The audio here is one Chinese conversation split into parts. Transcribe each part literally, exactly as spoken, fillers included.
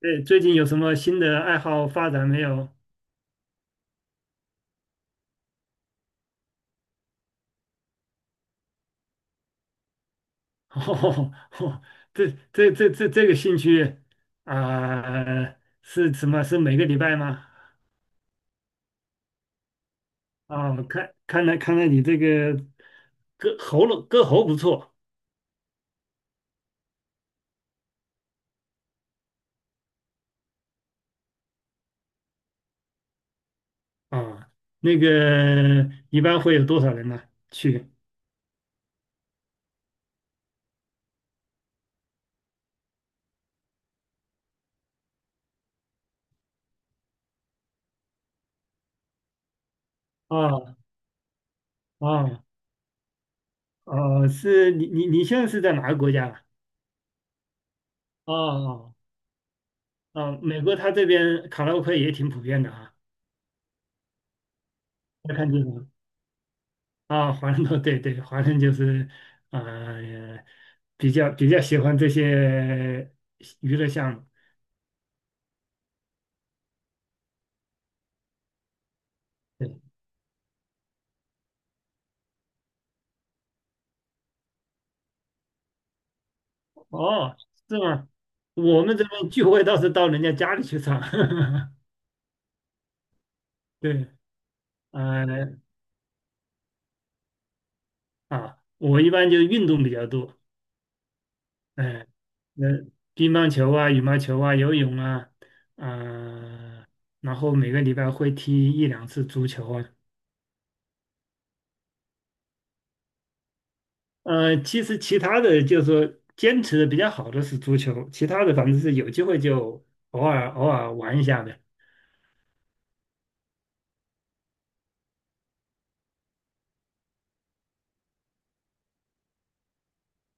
对，最近有什么新的爱好发展没有？哦，这这这这这个兴趣啊、是什么？是每个礼拜吗？啊、看看来看来你这个歌喉咙歌喉不错啊、那个一般会有多少人呢？去啊啊哦，是你你你现在是在哪个国家啊？哦哦哦，美国他这边卡拉 OK 也挺普遍的啊，要看地方啊，华人多，对对，华人就是呃，比较比较喜欢这些娱乐项目。对，哦，是吗？我们这边聚会倒是到人家家里去唱。对，呃啊，我一般就是运动比较多，哎、那乒乓球啊、羽毛球啊、游泳啊，啊、然后每个礼拜会踢一两次足球啊。呃，其实其他的就是说坚持的比较好的是足球，其他的反正是有机会就偶尔偶尔玩一下的。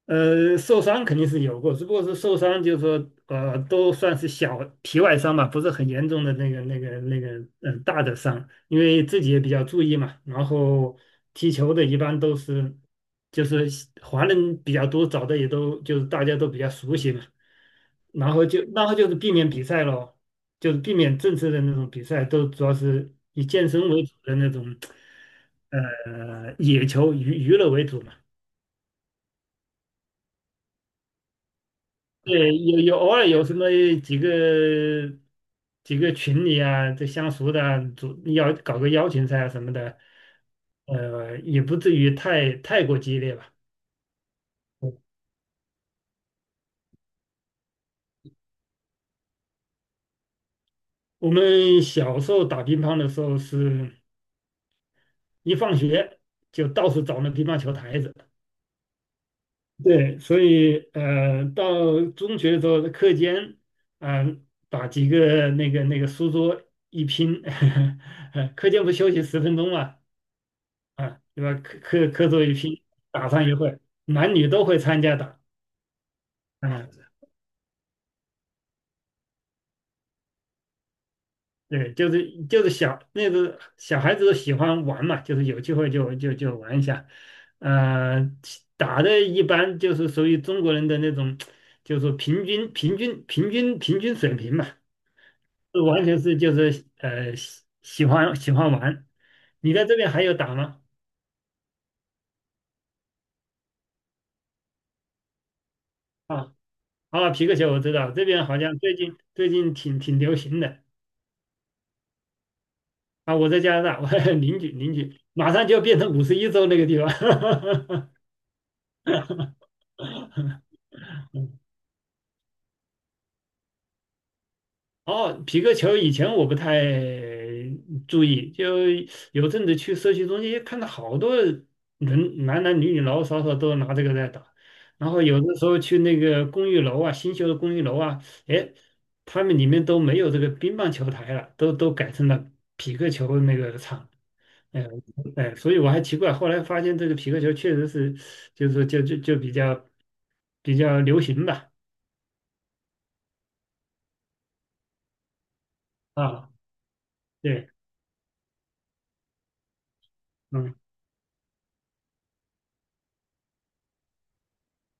呃，受伤肯定是有过，只不过是受伤就是说呃都算是小皮外伤吧，不是很严重的那个那个那个嗯、呃大的伤，因为自己也比较注意嘛。然后踢球的一般都是就是华人比较多，找的也都就是大家都比较熟悉嘛。然后就然后就是避免比赛咯，就是避免正式的那种比赛，都主要是以健身为主的那种，呃，野球娱娱乐为主嘛。对，有有偶尔有什么几个几个群里啊，这相熟的主要搞个邀请赛啊什么的，呃，也不至于太太过激烈吧。我们小时候打乒乓的时候是，一放学就到处找那乒乓球台子。对，所以呃，到中学的时候，课间，嗯、把几个那个那个书桌一拼，呃课间不休息十分钟嘛，啊，对吧？课课课桌一拼，打上一会儿，男女都会参加打，啊，对，就是就是小那个小孩子都喜欢玩嘛，就是有机会就就就玩一下，呃，打的一般就是属于中国人的那种，就是平均平均平均平均水平嘛。完全是就是呃喜喜欢喜欢玩。你在这边还有打吗？啊啊，皮克球我知道，这边好像最近最近挺挺流行的啊。我在加拿大，我 邻居邻居马上就要变成五十一州那个地方，哦，皮克球以前我不太注意，就有阵子去社区中心看到好多人，男男女女老老少少都拿这个在打。然后有的时候去那个公寓楼啊，新修的公寓楼啊，哎，他们里面都没有这个乒乓球台了，都都改成了皮克球那个场。哎哎，所以我还奇怪，后来发现这个皮克球确实是，就是说就就就比较比较流行吧。啊，对，嗯。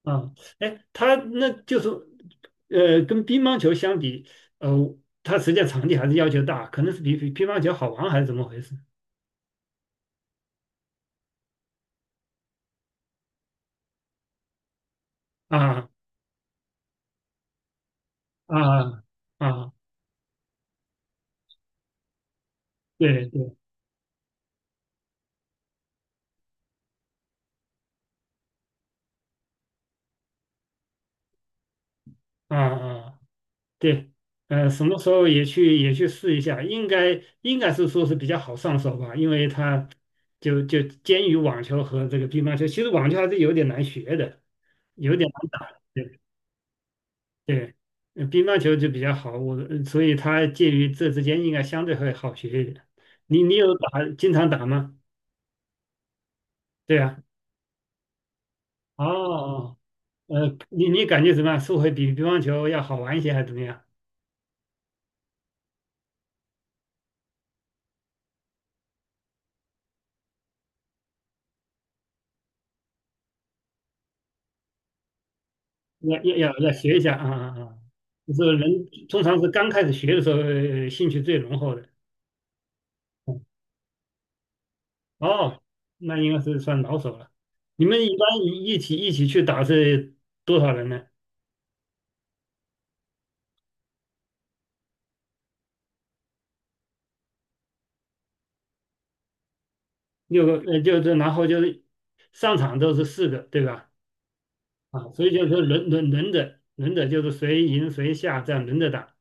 啊，哎，他那就是，呃，跟乒乓球相比，呃，它实际上场地还是要求大，可能是比比乒乓球好玩还是怎么回事？啊啊啊，对对，啊啊对，呃，什么时候也去也去试一下，应该应该是说是比较好上手吧，因为它就就兼于网球和这个乒乓球，其实网球还是有点难学的，有点难打。对。对，呃乒乓球就比较好，我呃所以它介于这之间应该相对会好学一点。你你有打，经常打吗？对啊，哦哦，呃，你你感觉怎么样？是会比乒乓球要好玩一些，还是怎么样？要要要要学一下啊啊啊！就是人通常是刚开始学的时候，呃兴趣最浓厚的。嗯哦，那应该是算老手了。你们一般一一起一起去打是多少人呢？六个，呃，就是然后就是上场都是四个，对吧？啊，所以就是说轮轮轮着轮着，就是谁赢谁下这样轮着打。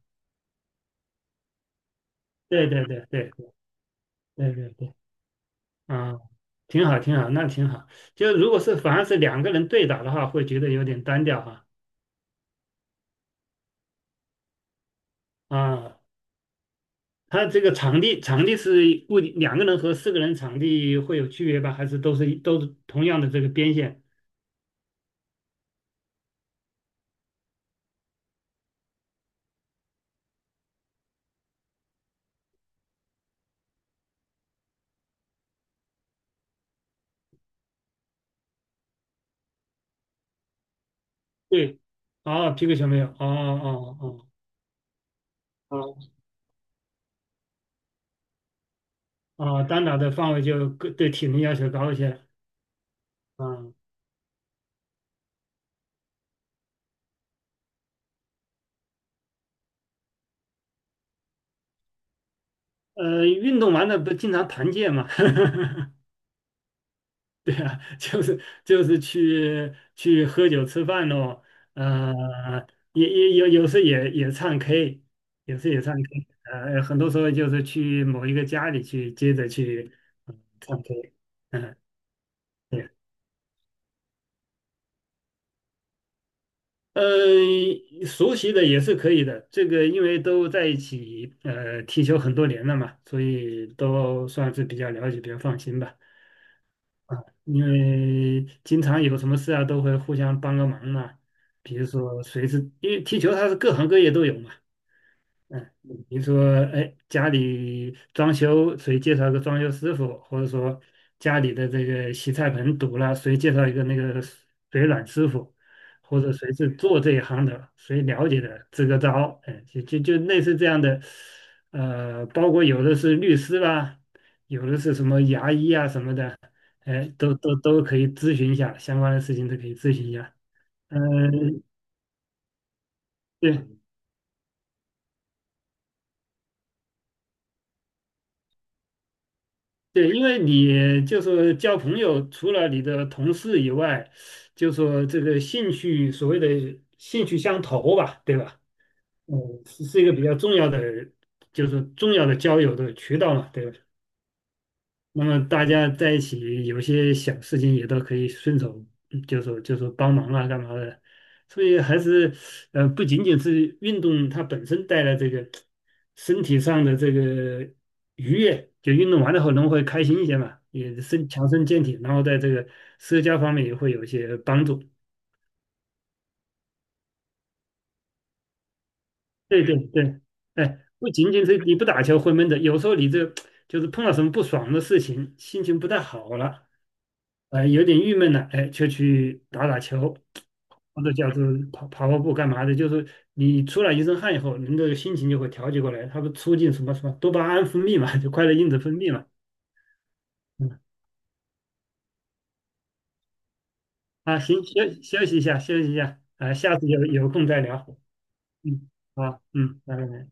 对对对对对对对，啊，挺好挺好，那挺好。就如果是反而是两个人对打的话，会觉得有点单调哈。啊，他这个场地场地是固定，两个人和四个人场地会有区别吧？还是都是都是同样的这个边线？对，哦，皮克球没有，哦哦哦哦哦，单打的范围就更对体能要求高一些。啊，呃，运动完了不经常团建嘛？就是就是去去喝酒吃饭咯，呃，也也有有时也也唱 K，有时也唱 K，呃，很多时候就是去某一个家里去接着去嗯唱 K，嗯，对，呃，熟悉的也是可以的，这个因为都在一起呃踢球很多年了嘛，所以都算是比较了解，比较放心吧。啊，因为经常有什么事啊，都会互相帮个忙嘛。比如说，谁是因为踢球，它是各行各业都有嘛。嗯，比如说，哎，家里装修，谁介绍个装修师傅，或者说家里的这个洗菜盆堵了，谁介绍一个那个水暖师傅，或者谁是做这一行的，谁了解的，支个招，哎，就就就类似这样的，呃，包括有的是律师啦，有的是什么牙医啊什么的，哎，都都都可以咨询一下相关的事情，都可以咨询一下。嗯、对。对，因为你就是交朋友，除了你的同事以外，就说这个兴趣，所谓的兴趣相投吧，对吧？嗯，是是一个比较重要的，就是重要的交友的渠道嘛，对吧？那么大家在一起有些小事情也都可以顺手嗯就说就说帮忙啊干嘛的，所以还是呃不仅仅是运动它本身带来这个身体上的这个愉悦，就运动完了后人会开心一些嘛，也身强身健体，然后在这个社交方面也会有一些帮助。对对对，哎，不仅仅是你不打球会闷着，有时候你这就是碰到什么不爽的事情，心情不太好了。呃，有点郁闷了，哎，就去打打球，或者叫做跑跑跑步干嘛的，就是你出了一身汗以后，人的心情就会调节过来，它不促进什么什么多巴胺分泌嘛，就快乐因子分泌嘛。嗯，啊，行，休休息一下，休息一下，啊，下次有有空再聊。嗯，好，嗯，拜拜。